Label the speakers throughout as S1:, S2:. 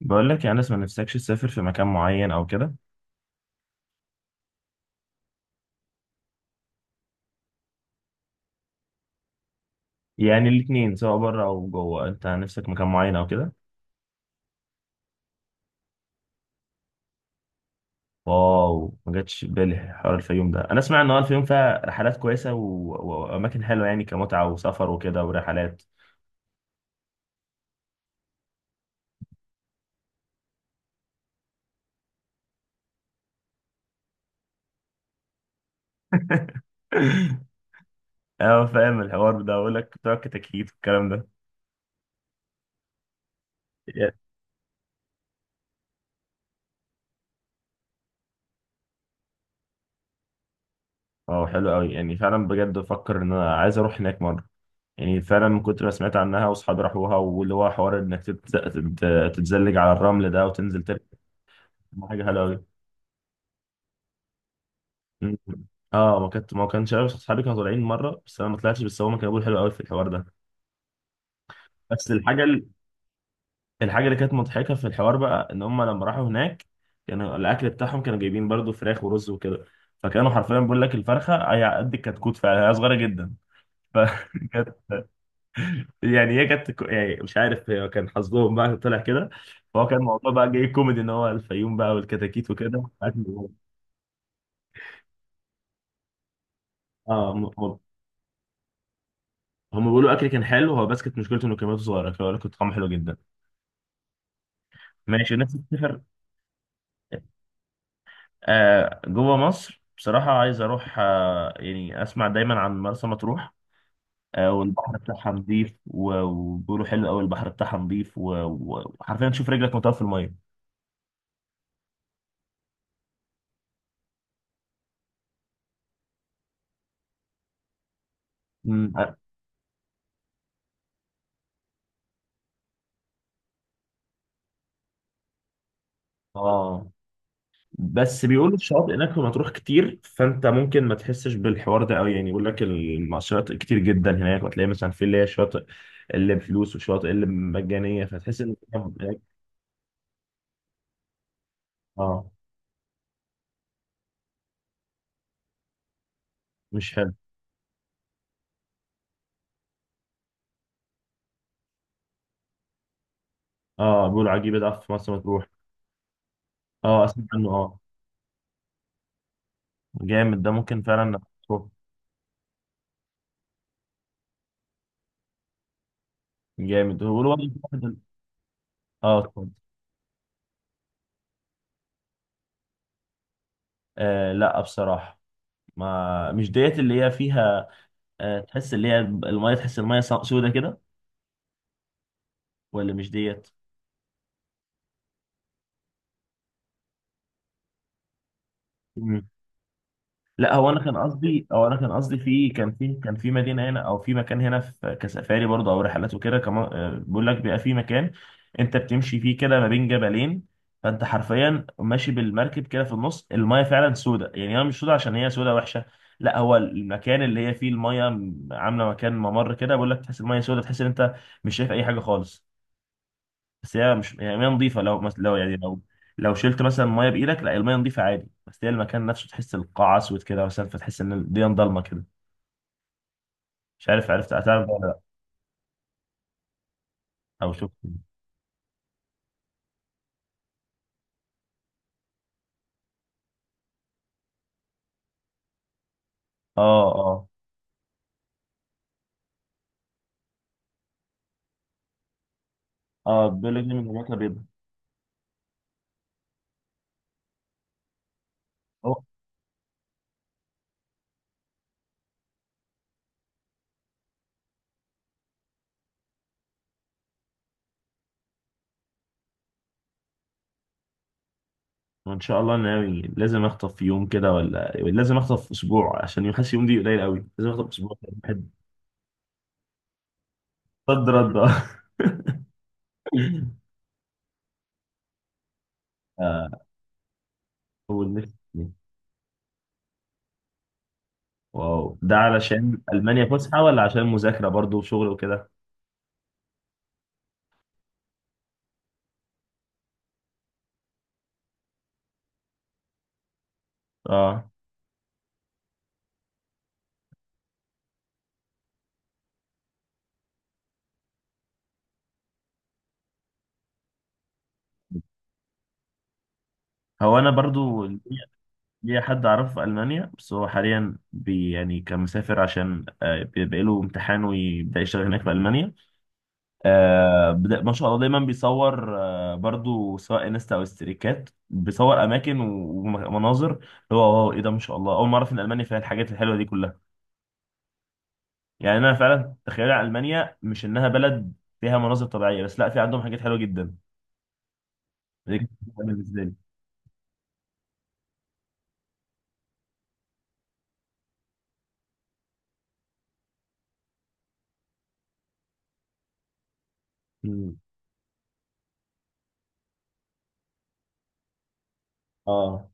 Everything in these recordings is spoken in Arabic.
S1: بقول لك يعني لسه ما نفسكش تسافر في مكان معين او كده؟ يعني الاثنين، سواء بره او جوه، انت نفسك مكان معين او كده؟ واو، ما جاتش في بالي حوار الفيوم ده. انا اسمع ان هو الفيوم فيها رحلات كويسه واماكن حلوه يعني، كمتعه وسفر وكده ورحلات. اه، فاهم الحوار ده، اقول لك بتوع كتاكيت والكلام ده. اه حلو قوي يعني، فعلا بجد بفكر ان انا عايز اروح هناك مره، يعني فعلا من كتر ما سمعت عنها واصحابي راحوها، واللي هو حوار انك تتزلج على الرمل ده وتنزل، ما حاجه حلوه قوي. اه ما كانش عارف، اصحابي كانوا طالعين مره بس انا ما طلعتش، بس هم كانوا بيقولوا حلو قوي في الحوار ده. بس الحاجه ال- الحاجه اللي كانت مضحكه في الحوار بقى، ان هم لما راحوا هناك كانوا الاكل بتاعهم كانوا جايبين برضو فراخ ورز وكده، فكانوا حرفيا بيقول لك الفرخه هي قد الكتكوت، فعلا هي صغيره جدا فكانت. يعني هي كانت، يعني مش عارف، هي كان حظهم بقى طلع كده. فهو كان الموضوع بقى جاي كوميدي، ان هو الفيوم بقى والكتاكيت وكده اه. هم بيقولوا اكل كان حلو هو، بس كانت مشكلته انه كميته صغيره، فبيقول لك كنت طعمه حلو جدا. ماشي، نفسي اسافر. آه جوه مصر بصراحه، عايز اروح، يعني اسمع دايما عن مرسى مطروح. آه، والبحر بتاعها نظيف وبيقولوا حلو قوي، البحر بتاعها نظيف و- و- وحرفيا تشوف رجلك مطوه في الميه. مم. اه، بس بيقولوا الشواطئ هناك في مطروح كتير، فانت ممكن ما تحسش بالحوار ده قوي، يعني يقول لك الشواطئ كتير جدا هناك، وتلاقي مثلا في اللي هي شاطئ اللي بفلوس، وشواطئ اللي مجانيه، فتحس ان اه، مش حلو. اه بيقولوا عجيبة ده في مرسى مطروح. اه، اسمع عنه اه. جامد ده ممكن فعلا، نروح. جامد، هو بيقولوا برضه اه، اتفضل. آه لا بصراحة، ما مش ديت اللي هي فيها. آه، تحس المية سودة كده، ولا مش ديت. لا، هو انا كان قصدي، في، كان في كان في مدينه هنا، او في مكان هنا، في كسفاري برضه او رحلات وكده كمان. بيقول لك بيبقى في مكان انت بتمشي فيه كده ما بين جبلين، فانت حرفيا ماشي بالمركب كده في النص، المايه فعلا سودة. يعني هي مش سودة عشان هي سودة وحشه، لا، هو المكان اللي هي فيه المايه عامله مكان ممر كده. بيقول لك تحس المايه سودة، تحس ان انت مش شايف اي حاجه خالص، بس هي مش يعني ميه نظيفه. لو مثلا، لو يعني لو لو شلت مثلا ميه بايدك، لا، الميه نظيفه عادي، بس هي المكان نفسه تحس القاع اسود كده مثلا، فتحس ان الدنيا ضلمه كده. مش عارف، هتعرف ده ولا لا، او شفت. اه اه اه، بيقول لك دي من الوقت بيض. اه، وان شاء الله ناوي، لازم اخطف في يوم كده، ولا يعني لازم اخطف في اسبوع، عشان يوم حاسس يوم دي قليل قوي، لازم اخطف في اسبوع بحب. صد رد اه. آه، اول نفسي. واو، ده علشان المانيا فسحه ولا عشان مذاكره برضو وشغل وكده؟ اه، هو انا برضو ليا حد اعرفه في المانيا، بس هو حاليا بي يعني كان مسافر، عشان بيبقى له امتحان ويبدا يشتغل هناك في المانيا. ما شاء الله، دايما بيصور، برضو، سواء انستا او استريكات، بيصور اماكن و- ومناظر، اللي هو، واو ايه ده، ما شاء الله، اول مره اعرف ان المانيا فيها الحاجات الحلوه دي كلها. يعني انا فعلا تخيل المانيا مش انها بلد فيها مناظر طبيعيه بس، لا، في عندهم حاجات حلوه جدا. دي كانت بالنسبه لي. مم. اه،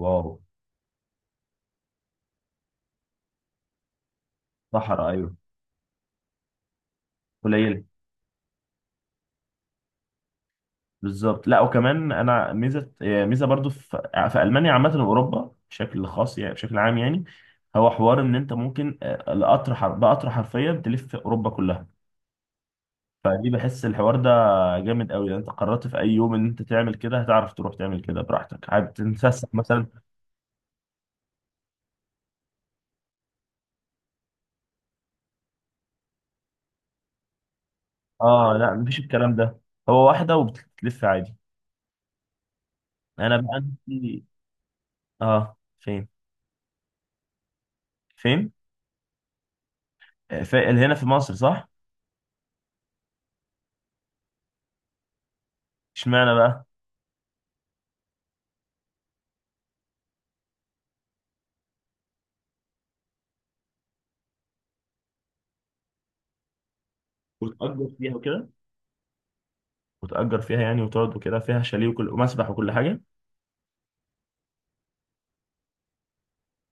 S1: واو. صحراء، ايوه. قليل. بالظبط. لا وكمان انا ميزه، يعني برضو في المانيا عامه، واوروبا بشكل خاص، يعني بشكل عام يعني. هو حوار ان انت ممكن، بقطر حرفيا تلف في اوروبا كلها، فدي بحس الحوار ده جامد قوي. لو انت قررت في اي يوم ان انت تعمل كده، هتعرف تروح تعمل كده براحتك، عايز تتفسح مثلا. اه لا، مفيش الكلام ده، هو واحده وبتلف عادي. انا بقى نفسي- اه، فين. في هنا في مصر صح؟ اشمعنى بقى؟ وتأجر فيها وكده وتأجر فيها يعني، وتقعد وكده، فيها شاليه وكل ومسبح وكل حاجة.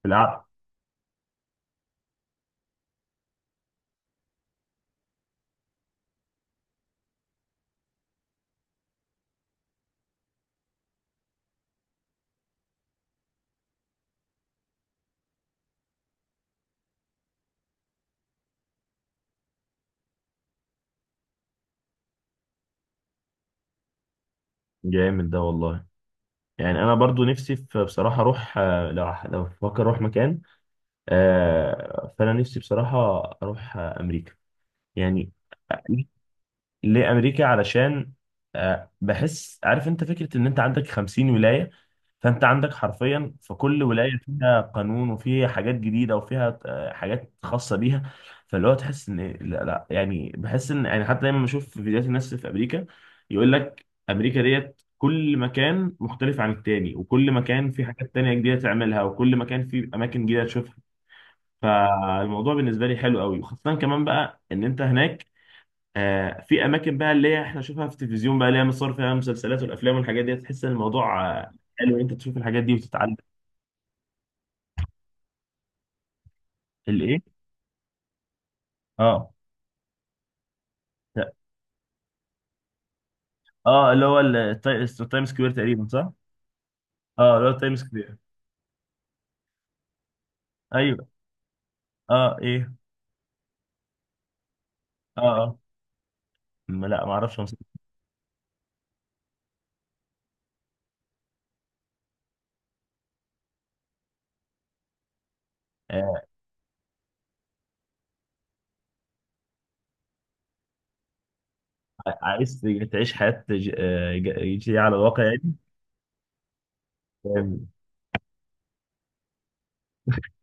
S1: بالعقل. جامد ده والله. يعني انا برضو نفسي في بصراحه اروح، لو بفكر اروح مكان. فانا نفسي بصراحه اروح امريكا، يعني. ليه امريكا؟ علشان بحس، عارف انت فكره ان انت عندك 50 ولايه، فانت عندك حرفيا في كل ولايه فيها قانون، وفيها حاجات جديده، وفيها حاجات خاصه بيها. فاللي هو تحس ان، لا لا، يعني بحس ان، يعني حتى دايما بشوف في فيديوهات الناس في امريكا، يقول لك امريكا ديت كل مكان مختلف عن التاني، وكل مكان في حاجات تانية جديده تعملها، وكل مكان في اماكن جديده تشوفها. فالموضوع بالنسبه لي حلو قوي، وخاصه كمان بقى ان انت هناك في اماكن بقى اللي هي احنا نشوفها في التلفزيون بقى، اللي هي مصور فيها المسلسلات والافلام والحاجات دي، تحس ان الموضوع حلو، إن انت تشوف الحاجات دي وتتعلم. الايه؟ اه لا. اه، اللي هو التايم سكوير تقريبا، صح؟ اه، اللي هو التايم سكوير. ايوه. اه ايه. اه اه. لا، ما اعرفش آه. عايز تعيش حياه، جديده على الواقع يعني. آم.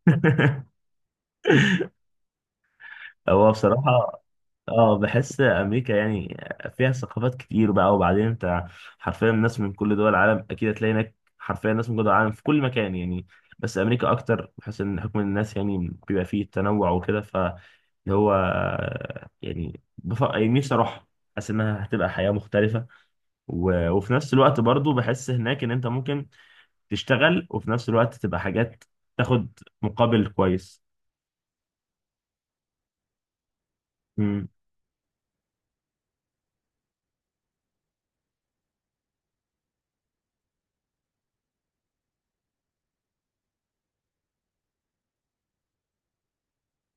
S1: هو بصراحة، اه بحس امريكا يعني فيها ثقافات كتير بقى. وبعدين انت حرفيا ناس من كل دول العالم اكيد هتلاقي هناك، حرفيا ناس من كل دول العالم في كل مكان يعني، بس امريكا اكتر، بحس ان حكم الناس يعني بيبقى فيه تنوع وكده، فاللي هو يعني نفسي اروح، حاسس انها هتبقى حياة مختلفة. و... وفي نفس الوقت برضو بحس هناك ان انت ممكن تشتغل، وفي نفس الوقت تبقى حاجات تاخد مقابل كويس.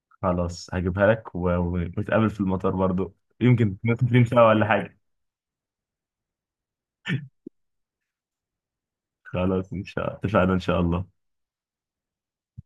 S1: خلاص هجيبها لك، و- ونتقابل في المطار برضو، يمكن نتكلم سوا ولا حاجة. خلاص، إن شاء الله، اتفقنا إن شاء الله.